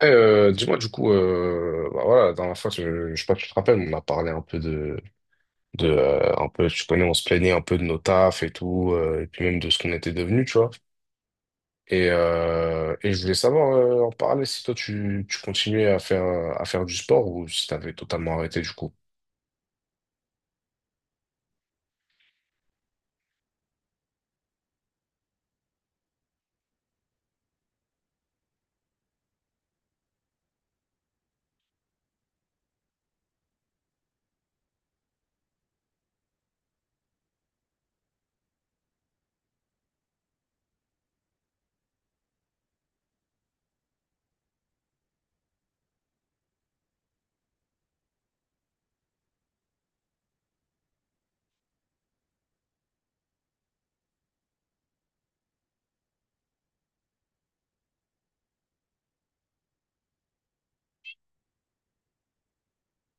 Dis-moi du coup, bah voilà, la dernière fois, je sais pas si tu te rappelles, on a parlé un peu de un peu, tu connais, on se plaignait un peu de nos tafs et tout, et puis même de ce qu'on était devenus, tu vois. Et je voulais savoir en parler si toi tu continuais à faire du sport ou si t'avais totalement arrêté du coup.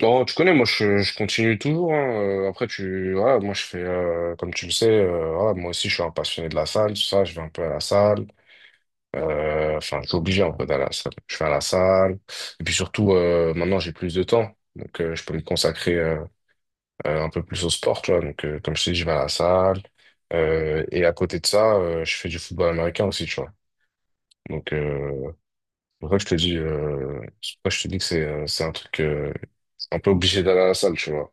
Non, tu connais, moi je continue toujours, hein. Après, voilà, moi je fais, comme tu le sais, voilà, moi aussi je suis un passionné de la salle, tout ça, je vais un peu à la salle. Enfin, je suis obligé en fait à la salle. Je vais à la salle. Et puis surtout, maintenant j'ai plus de temps. Donc je peux me consacrer un peu plus au sport, tu vois. Donc comme je t'ai dit, je vais à la salle. Et à côté de ça, je fais du football américain aussi, tu vois. Donc c'est pour ça que je te dis, c'est pour ça que je te dis que c'est un truc un peu obligé d'aller à la salle, tu vois.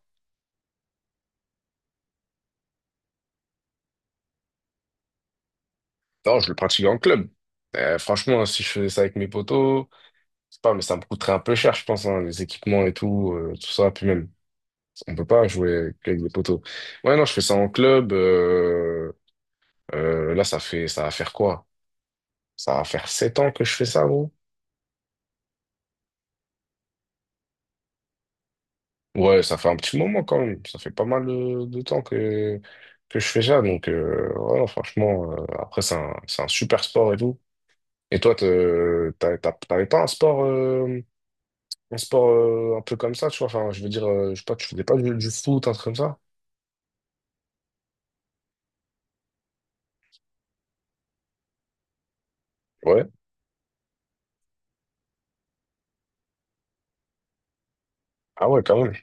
Non, je le pratique en club. Franchement, si je faisais ça avec mes potos, c'est pas, mais ça me coûterait un peu cher, je pense, hein, les équipements et tout, tout ça, puis même. On peut pas jouer avec des poteaux. Ouais, non, je fais ça en club. Là, ça fait, ça va faire quoi? Ça va faire sept ans que je fais ça, gros. Ouais, ça fait un petit moment quand même. Ça fait pas mal de temps que je fais ça. Donc, ouais, non, franchement, après, c'est un super sport et tout. Et toi, t'avais pas un sport, un peu comme ça, tu vois? Enfin, je veux dire, je sais pas, tu faisais pas du foot, un truc comme ça? Ouais. Ah ouais, quand même.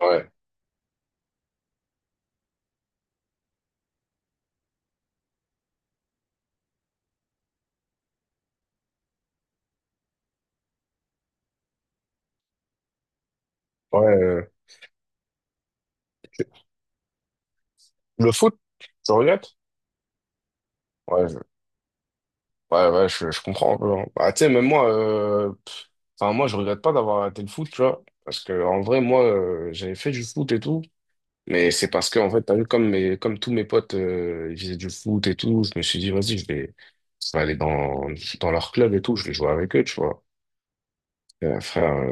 Ouais. Ouais. Le foot, tu regrettes? Ouais, ouais, ouais, je comprends un peu, hein. Bah, tu sais, même moi, enfin, moi, je regrette pas d'avoir arrêté le foot, tu vois. Parce que, en vrai, moi, j'avais fait du foot et tout. Mais c'est parce que, en fait, t'as vu, comme tous mes potes, ils faisaient du foot et tout, je me suis dit, vas-y, je vais aller dans leur club et tout, je vais jouer avec eux, tu vois. Et, frère,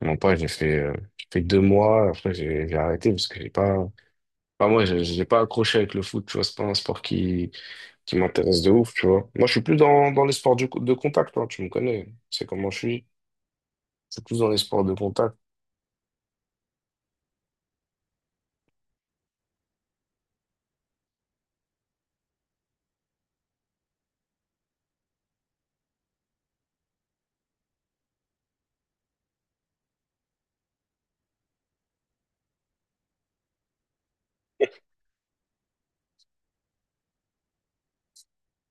non pas, j'ai fait deux mois, après, j'ai arrêté parce que j'ai pas, enfin, moi, j'ai pas accroché avec le foot, tu vois, c'est pas un sport qui m'intéresse de ouf, tu vois. Moi, je suis plus dans les sports de contact, hein, tu me connais, c'est comment je suis. Je suis plus dans les sports de contact.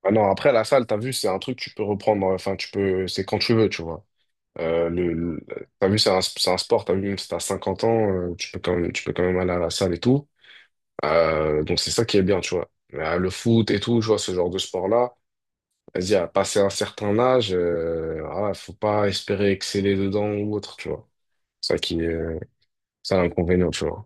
Ah non, après, la salle, t'as vu, c'est un truc que tu peux reprendre, enfin, tu peux, c'est quand tu veux, tu vois. Euh, le, le- T'as vu, c'est un sport, t'as vu, même si t'as 50 ans, tu peux quand même, tu peux quand même aller à la salle et tout. Donc, c'est ça qui est bien, tu vois. Le foot et tout, tu vois, ce genre de sport-là. Vas-y, à passer un certain âge, voilà, faut pas espérer exceller dedans ou autre, tu vois. C'est Ça qui est, Ça, l'inconvénient, tu vois.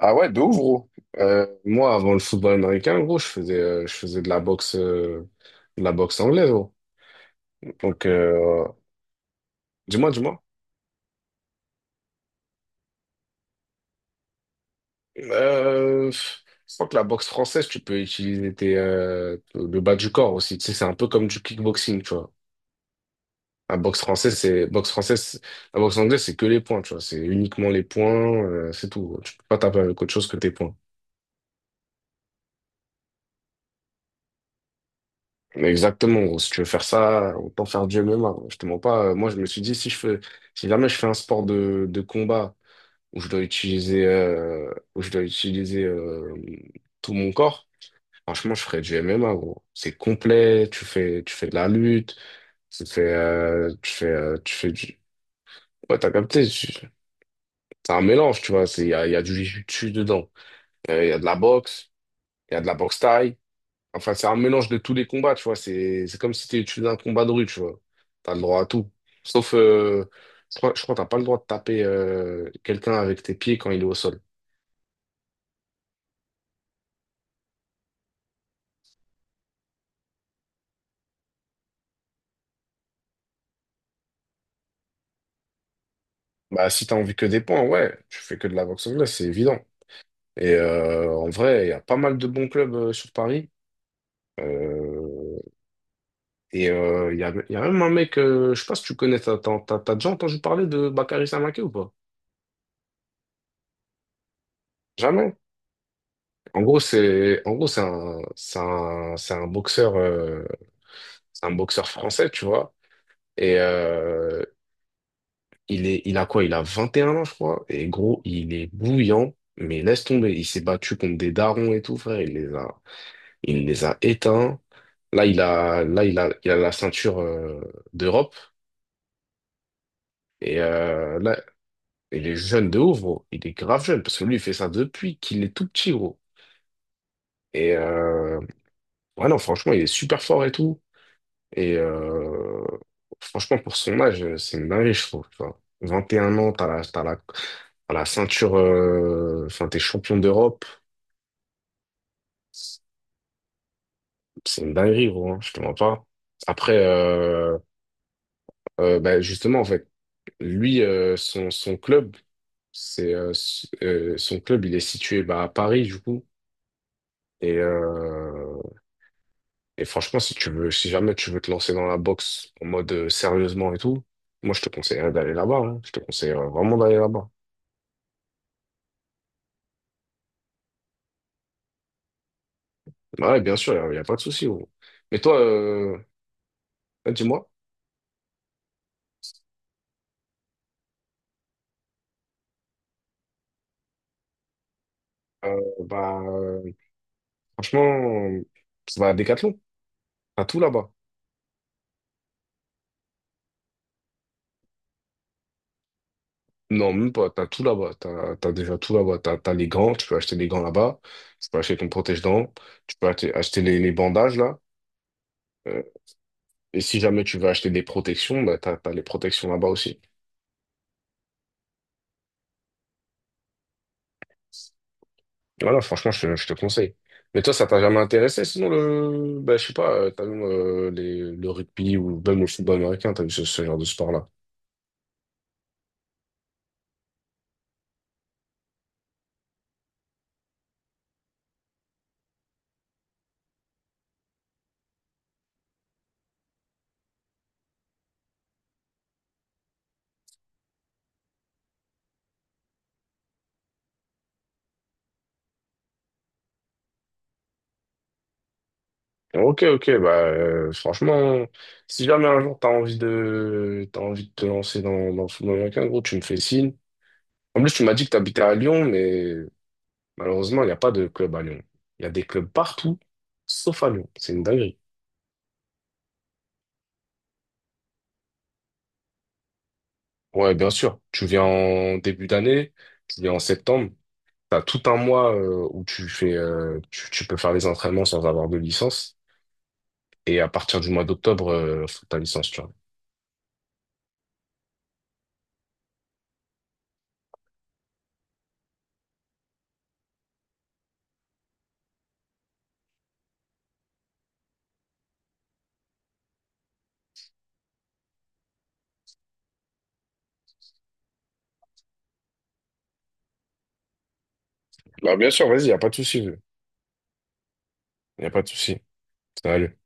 Ah ouais, de ouf, gros. Moi, avant le football américain, gros, je faisais de la boxe anglaise, gros. Donc, dis-moi, dis-moi. Je crois que la boxe française, tu peux utiliser le bas du corps aussi. Tu sais, c'est un peu comme du kickboxing, tu vois. La boxe française, c'est boxe française, la boxe anglaise, c'est que les points, tu vois. C'est uniquement les points, c'est tout, gros. Tu peux pas taper avec autre chose que tes points. Mais exactement, gros. Si tu veux faire ça, autant faire du MMA, gros. Je te mens pas. Moi, je me suis dit, si jamais je fais un sport de combat où je dois utiliser, tout mon corps, franchement, je ferais du MMA, gros. C'est complet. Tu fais de la lutte. Tu fais, tu fais du. Ouais, t'as capté. C'est un mélange, tu vois. C'est, il y a du jiu-jitsu dedans. Il y a de la boxe, il y a de la boxe thaï. Enfin, c'est un mélange de tous les combats, tu vois. C'est comme si tu faisais un combat de rue, tu vois. T'as le droit à tout. Sauf, je crois que t'as pas le droit de taper quelqu'un avec tes pieds quand il est au sol. Bah, si t'as envie que des points, ouais, tu fais que de la boxe anglaise, c'est évident. Et en vrai, il y a pas mal de bons clubs sur Paris. Euh, il y a, il y a même un mec, je sais pas si tu connais, t'as déjà entendu parler de Bakary Samaké ou pas? Jamais? En gros, c'est un c'est un c'est un boxeur français, tu vois. Et il a quoi? Il a 21 ans, je crois. Et gros, il est bouillant, mais laisse tomber, il s'est battu contre des darons et tout, frère, il les a éteints. Là, il a il a la ceinture d'Europe et euh, là, il est jeune de ouf, gros. Il est grave jeune parce que lui, il fait ça depuis qu'il est tout petit, gros. Et euh, ouais, non, franchement, il est super fort et tout. Et euh, Franchement, pour son âge, c'est une dinguerie, je trouve, tu vois. 21 ans, t'as la ceinture, enfin, t'es champion d'Europe. C'est une dinguerie, gros, hein, je te mens pas. Après, euh, Justement, en fait, lui, son club, c'est, son club, il est situé bah, à Paris, du coup. Et, euh, et franchement, si tu veux, si jamais tu veux te lancer dans la boxe en mode sérieusement et tout, moi, je te conseillerais d'aller là-bas, hein. Je te conseille vraiment d'aller là-bas. Bah ouais, bien sûr, y a pas de souci, gros. Mais toi, dis-moi, euh, bah, euh, franchement, tu vas à Decathlon, t'as tout là-bas. Non, même pas, t'as tout là-bas, t'as déjà tout là-bas. T'as, t'as les gants, tu peux acheter les gants là-bas, tu peux acheter ton protège-dents, acheter les bandages là. Euh, et si jamais tu veux acheter des protections, bah, t'as les protections là-bas aussi. Voilà, franchement, je te conseille. Mais toi, ça t'a jamais intéressé, sinon le, bah, je sais pas, t'as vu le rugby ou même le football américain, t'as vu ce genre de sport-là. Ok, ok, bah franchement, si jamais un jour t'as envie de te lancer dans le football américain, gros, tu me fais signe. En plus, tu m'as dit que t'habitais à Lyon, mais malheureusement, il n'y a pas de club à Lyon. Il y a des clubs partout, sauf à Lyon. C'est une dinguerie. Ouais, bien sûr. Tu viens en début d'année, tu viens en septembre. T'as tout un mois où tu fais, tu peux faire les entraînements sans avoir de licence. Et à partir du mois d'octobre, faut ta licence, tu vois. Bah, bien sûr, vas-y, y a pas de souci. Y a pas de souci. Salut.